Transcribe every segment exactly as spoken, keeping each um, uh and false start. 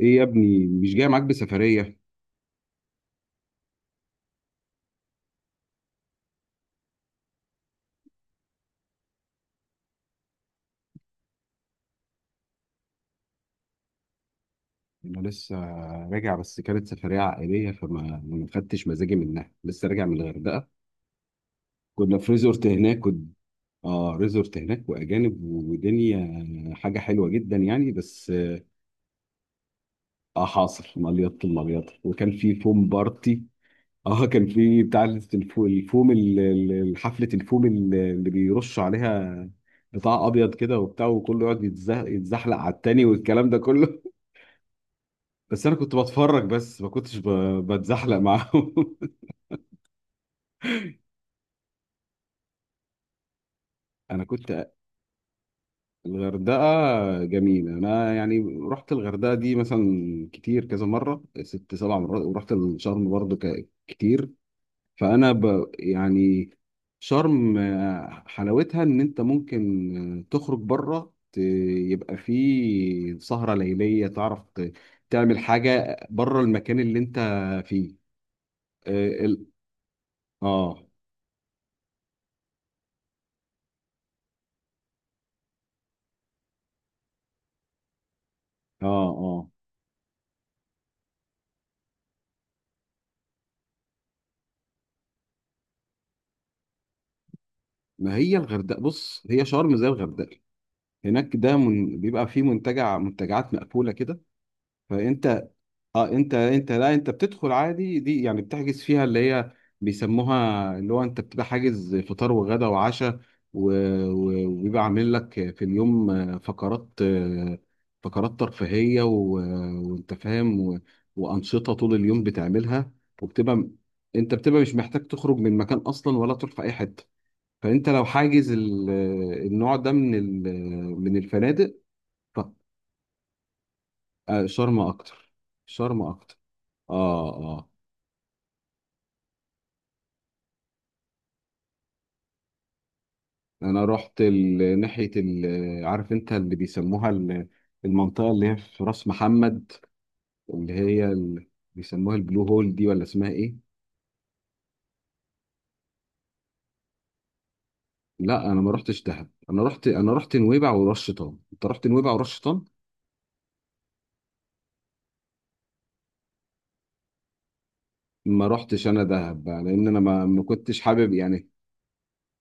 ايه يا ابني مش جاي معاك بسفرية؟ انا لسه راجع، بس كانت سفرية عائلية فما ما خدتش مزاجي منها. لسه راجع من الغردقة، كنا في ريزورت هناك و... اه، ريزورت هناك واجانب ودنيا، حاجة حلوة جدا يعني، بس اه حاصل مليط المليط، وكان في فوم بارتي. اه، كان في بتاع الفو- الفوم ال- ال- حفلة الفوم ال- اللي بيرش عليها، بتاع ابيض كده وبتاع، وكله يقعد يتزح- يتزحلق على التاني والكلام ده كله. بس انا كنت بتفرج، بس ما كنتش ب- بتزحلق معاهم انا كنت، الغردقه جميله، انا يعني رحت الغردقه دي مثلا كتير، كذا مره، ست سبع مرات، ورحت الشرم برضو ك- كتير. فانا ب يعني شرم، آه، حلاوتها ان انت ممكن آه، تخرج بره، ت- يبقى في سهره ليليه، تعرف ت- تعمل حاجه بره المكان اللي انت فيه. اه، ال- اه، اه، آه. ما هي الغردقه بص، هي شرم زي الغردقه، هناك ده من بيبقى فيه منتجع، منتجعات مقفوله كده. فانت اه، انت انت لا، انت بتدخل عادي دي، يعني بتحجز فيها اللي هي بيسموها، اللي هو انت بتبقى حاجز فطار وغدا وعشاء و- و- وبيبقى عامل لك في اليوم آه، فقرات آه، فقرات ترفيهيه و- وانت فاهم و- وانشطه طول اليوم بتعملها. وبتبقى، انت بتبقى مش محتاج تخرج من مكان اصلا ولا تروح في اي حته، فانت لو حاجز ال- النوع ده من ال- من الفنادق. ف- آه، شرم اكتر، شرم اكتر، اه اه. انا رحت ال- ناحيه ال- عارف انت اللي بيسموها ال- المنطقه اللي هي في راس محمد، اللي هي ال- بيسموها البلو هول دي، ولا اسمها ايه؟ لا، انا ما رحتش دهب، انا رحت، انا رحت نويبع وراس شيطان. انت رحت نويبع وراس شيطان؟ ما رحتش انا دهب بقى، لان انا ما ما كنتش حابب يعني.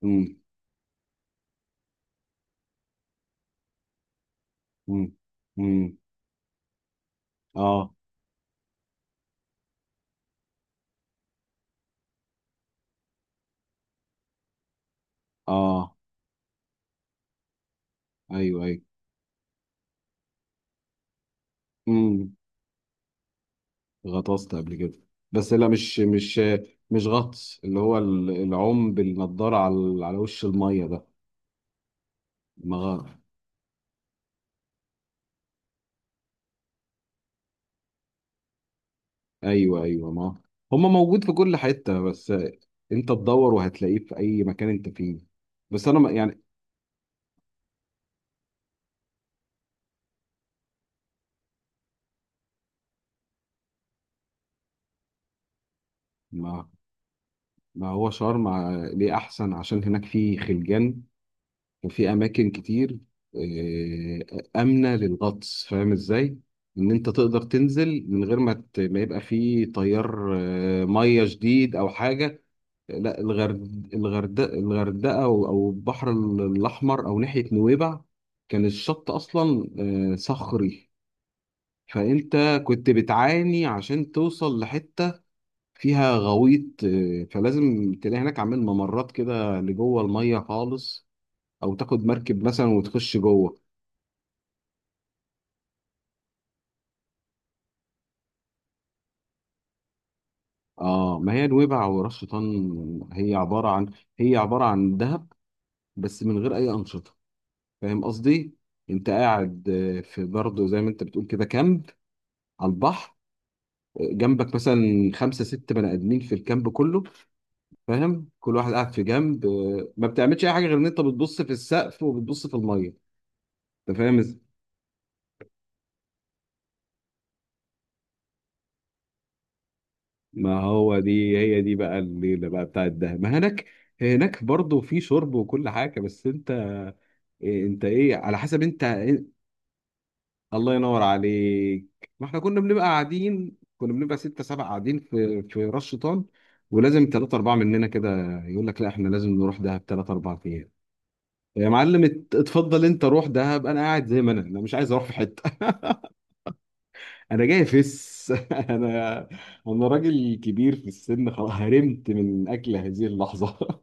امم امم امم اه، اه، ايوه ايوه، امم غطست قبل كده، بس لا، مش مش مش غطس، اللي هو ال- العوم بالنضاره على على وش الميه ده. ما غ- ايوه ايوه ما، هما موجود في كل حته، بس انت تدور وهتلاقيه في اي مكان انت فيه. بس انا، ما يعني، ما ما هو شرم ع- ليه احسن عشان هناك فيه خلجان وفي اماكن كتير آه، امنه للغطس، فاهم ازاي؟ ان انت تقدر تنزل من غير ما ت- ما يبقى في تيار آه، ميه شديد او حاجه. لا، الغرد الغردقه، الغردقه او أو البحر الاحمر، او ناحيه نويبع كان الشط اصلا آه، صخري، فانت كنت بتعاني عشان توصل لحته فيها غويط، آه، فلازم تلاقي هناك عامل ممرات كده لجوه الميه خالص، او تاخد مركب مثلا وتخش جوه. اه، ما هي نويبع وراس شيطان هي عباره عن، هي عباره عن دهب بس من غير اي انشطه، فاهم قصدي؟ انت قاعد آه، في برضه زي ما انت بتقول كده كامب على البحر، آه، جنبك مثلا خمسه ست بني ادمين في الكامب كله، فاهم؟ كل واحد قاعد في جنب، آه، ما بتعملش اي حاجه غير ان انت بتبص في السقف وبتبص في الميه. انت فاهم إز- ما هو دي هي دي بقى الليله بقى بتاعت دهب، ما هناك هناك برضه في شرب وكل حاجه، بس انت، إيه انت ايه، على حسب انت. الله ينور عليك، ما احنا كنا بنبقى قاعدين، كنا بنبقى ستة سبعة قاعدين في في راس شيطان، ولازم ثلاثة أربعة مننا كده يقول لك لا، احنا لازم نروح دهب ثلاثة أربعة أيام. يا معلم ات- اتفضل، أنت روح دهب، أنا قاعد زي ما أنا، أنا مش عايز أروح في حتة أنا جاي فس أنا، أنا راجل كبير في السن خلاص، هرمت من أكل هذه اللحظة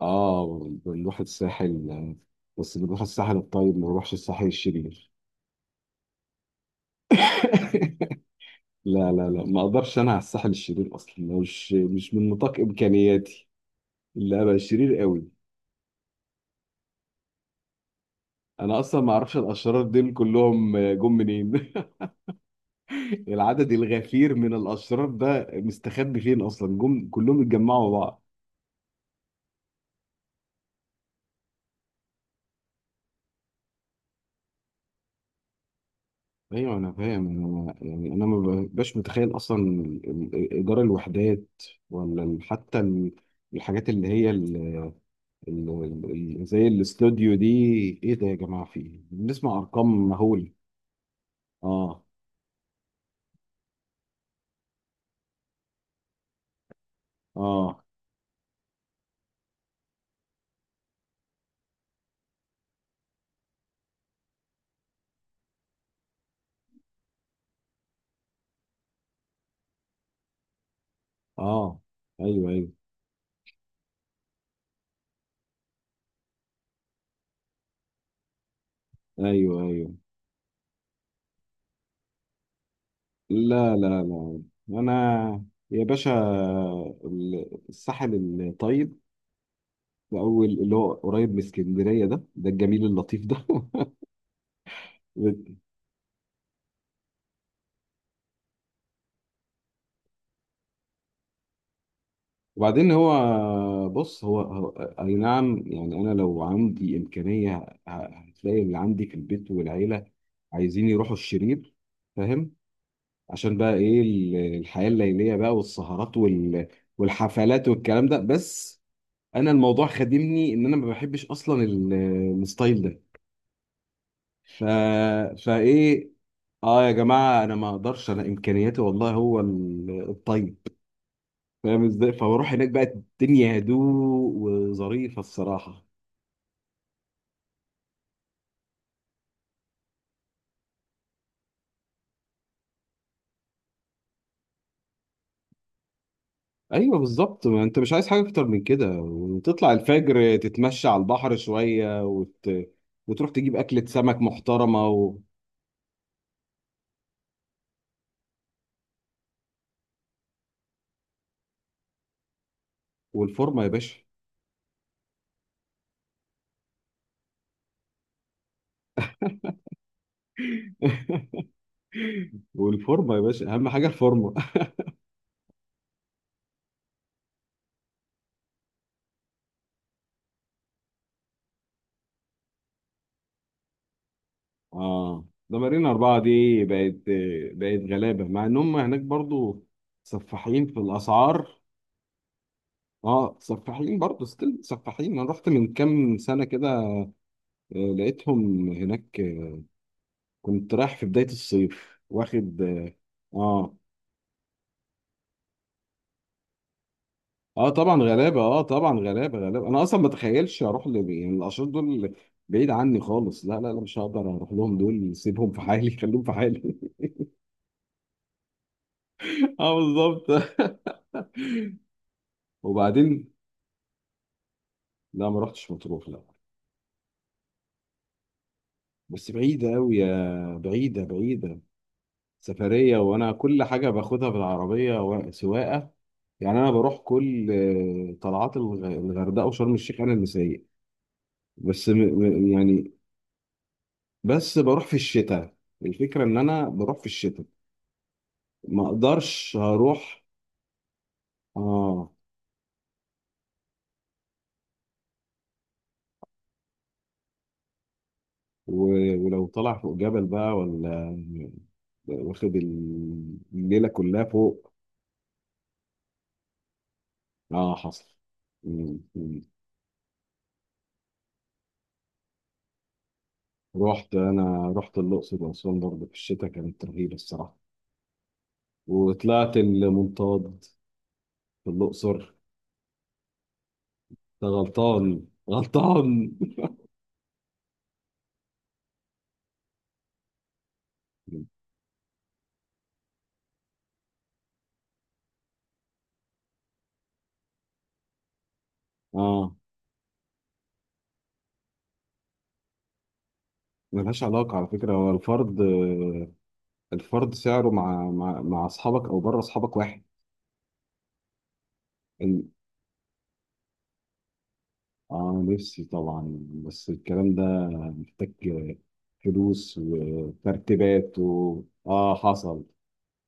آه، بنروح الساحل، بس بنروح الساحل الطيب، ما بنروحش الساحل الشرير لا لا لا، ما اقدرش انا على الساحل الشرير اصلا، مش مش من نطاق امكانياتي. لا بقى شرير قوي، انا اصلا ما اعرفش الاشرار دول كلهم جم منين؟ العدد الغفير من الاشرار ده مستخبي فين اصلا، جم كلهم اتجمعوا بعض؟ ايوه انا فاهم، انا يعني انا ما ببقاش متخيل اصلا ال- ال- ايجار الوحدات، ولا ال- حتى ال- الحاجات اللي هي ال- ال- ال- زي الاستوديو دي. ايه ده يا جماعه في ايه؟ بنسمع ارقام مهوله. اه اه اه، ايوه ايوه ايوه ايوه. لا لا لا، انا يا باشا، ال- الساحل الطيب، اول اللي هو قريب من اسكندريه، ده ده الجميل اللطيف ده. وبعدين هو بص، هو هو- اي نعم يعني، انا لو عندي امكانيه ه- هتلاقي اللي عندي في البيت والعيله عايزين يروحوا الشرير، فاهم؟ عشان بقى ايه، ال- الحياه الليليه بقى، والسهرات وال- والحفلات والكلام ده، بس انا الموضوع خادمني ان انا ما بحبش اصلا ال- الستايل ده. ف... فايه، اه يا جماعه، انا ما اقدرش، انا امكانياتي والله هو ال- الطيب، فاهم ازاي؟ فبروح هناك بقى الدنيا هدوء وظريفه الصراحه. ايوه بالظبط، ما انت مش عايز حاجه اكتر من كده، وتطلع الفجر تتمشى على البحر شويه وت... وتروح تجيب اكله سمك محترمه و... والفورمه يا باشا. والفورمه يا باشا، اهم حاجه الفورمه. اه، ده مارينا أربعة دي، بقت، بقت غلابة، مع إن هم هناك برضو سفاحين في الأسعار. اه سفاحين برضو، ستيل سفاحين، أنا رحت من كام سنة كده آه، لقيتهم هناك، آه، كنت رايح في بداية الصيف واخد اه. اه آه، طبعا غلابة، اه طبعا غلابة غلابة. أنا أصلا ما أتخيلش أروح ل... يعني الأشخاص دول بعيد عني خالص، لا لا لا، مش هقدر أروح لهم دول، سيبهم في حالي خليهم في حالي اه بالظبط وبعدين لا، ما رحتش مطروح لا، بس بعيدة أوي، يا بعيدة بعيدة. سفرية، وأنا كل حاجة باخدها بالعربية و- سواقة، يعني أنا بروح كل آه، طلعات الغ- الغردقة وشرم الشيخ أنا اللي سايق. بس م... م- يعني، بس بروح في الشتاء، الفكرة إن أنا بروح في الشتاء، ما أقدرش هروح. آه و... ولو طلع فوق جبل بقى ولا، واخد الليلة كلها فوق. آه حصل. مم. رحت، انا رحت الاقصر واسوان برضه في الشتاء، كانت رهيبه الصراحه، وطلعت المنطاد في الاقصر. انت غلطان غلطان. اه، ملهاش علاقه على فكره، هو الفرد، الفرد سعره مع مع مع اصحابك او بره اصحابك واحد. ال- اه نفسي طبعا، بس الكلام ده محتاج فلوس وترتيبات و... اه حصل.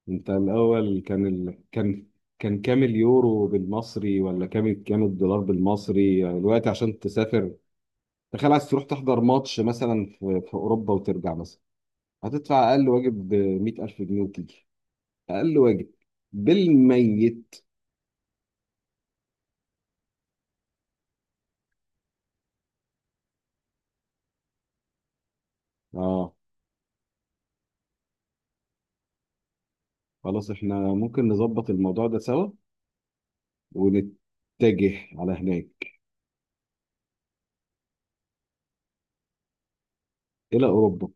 انت الاول، كان ال... كان، كان كام اليورو بالمصري، ولا كام، كام الدولار بالمصري، يعني دلوقتي عشان تسافر؟ تخيل، عايز تروح تحضر ماتش مثلا في, في اوروبا وترجع مثلا، هتدفع اقل واجب مئة ألف جنيه وتيجي. اقل واجب بالميت. اه، خلاص، احنا ممكن نظبط الموضوع ده سوا، ونتجه على هناك، الى اوروبا.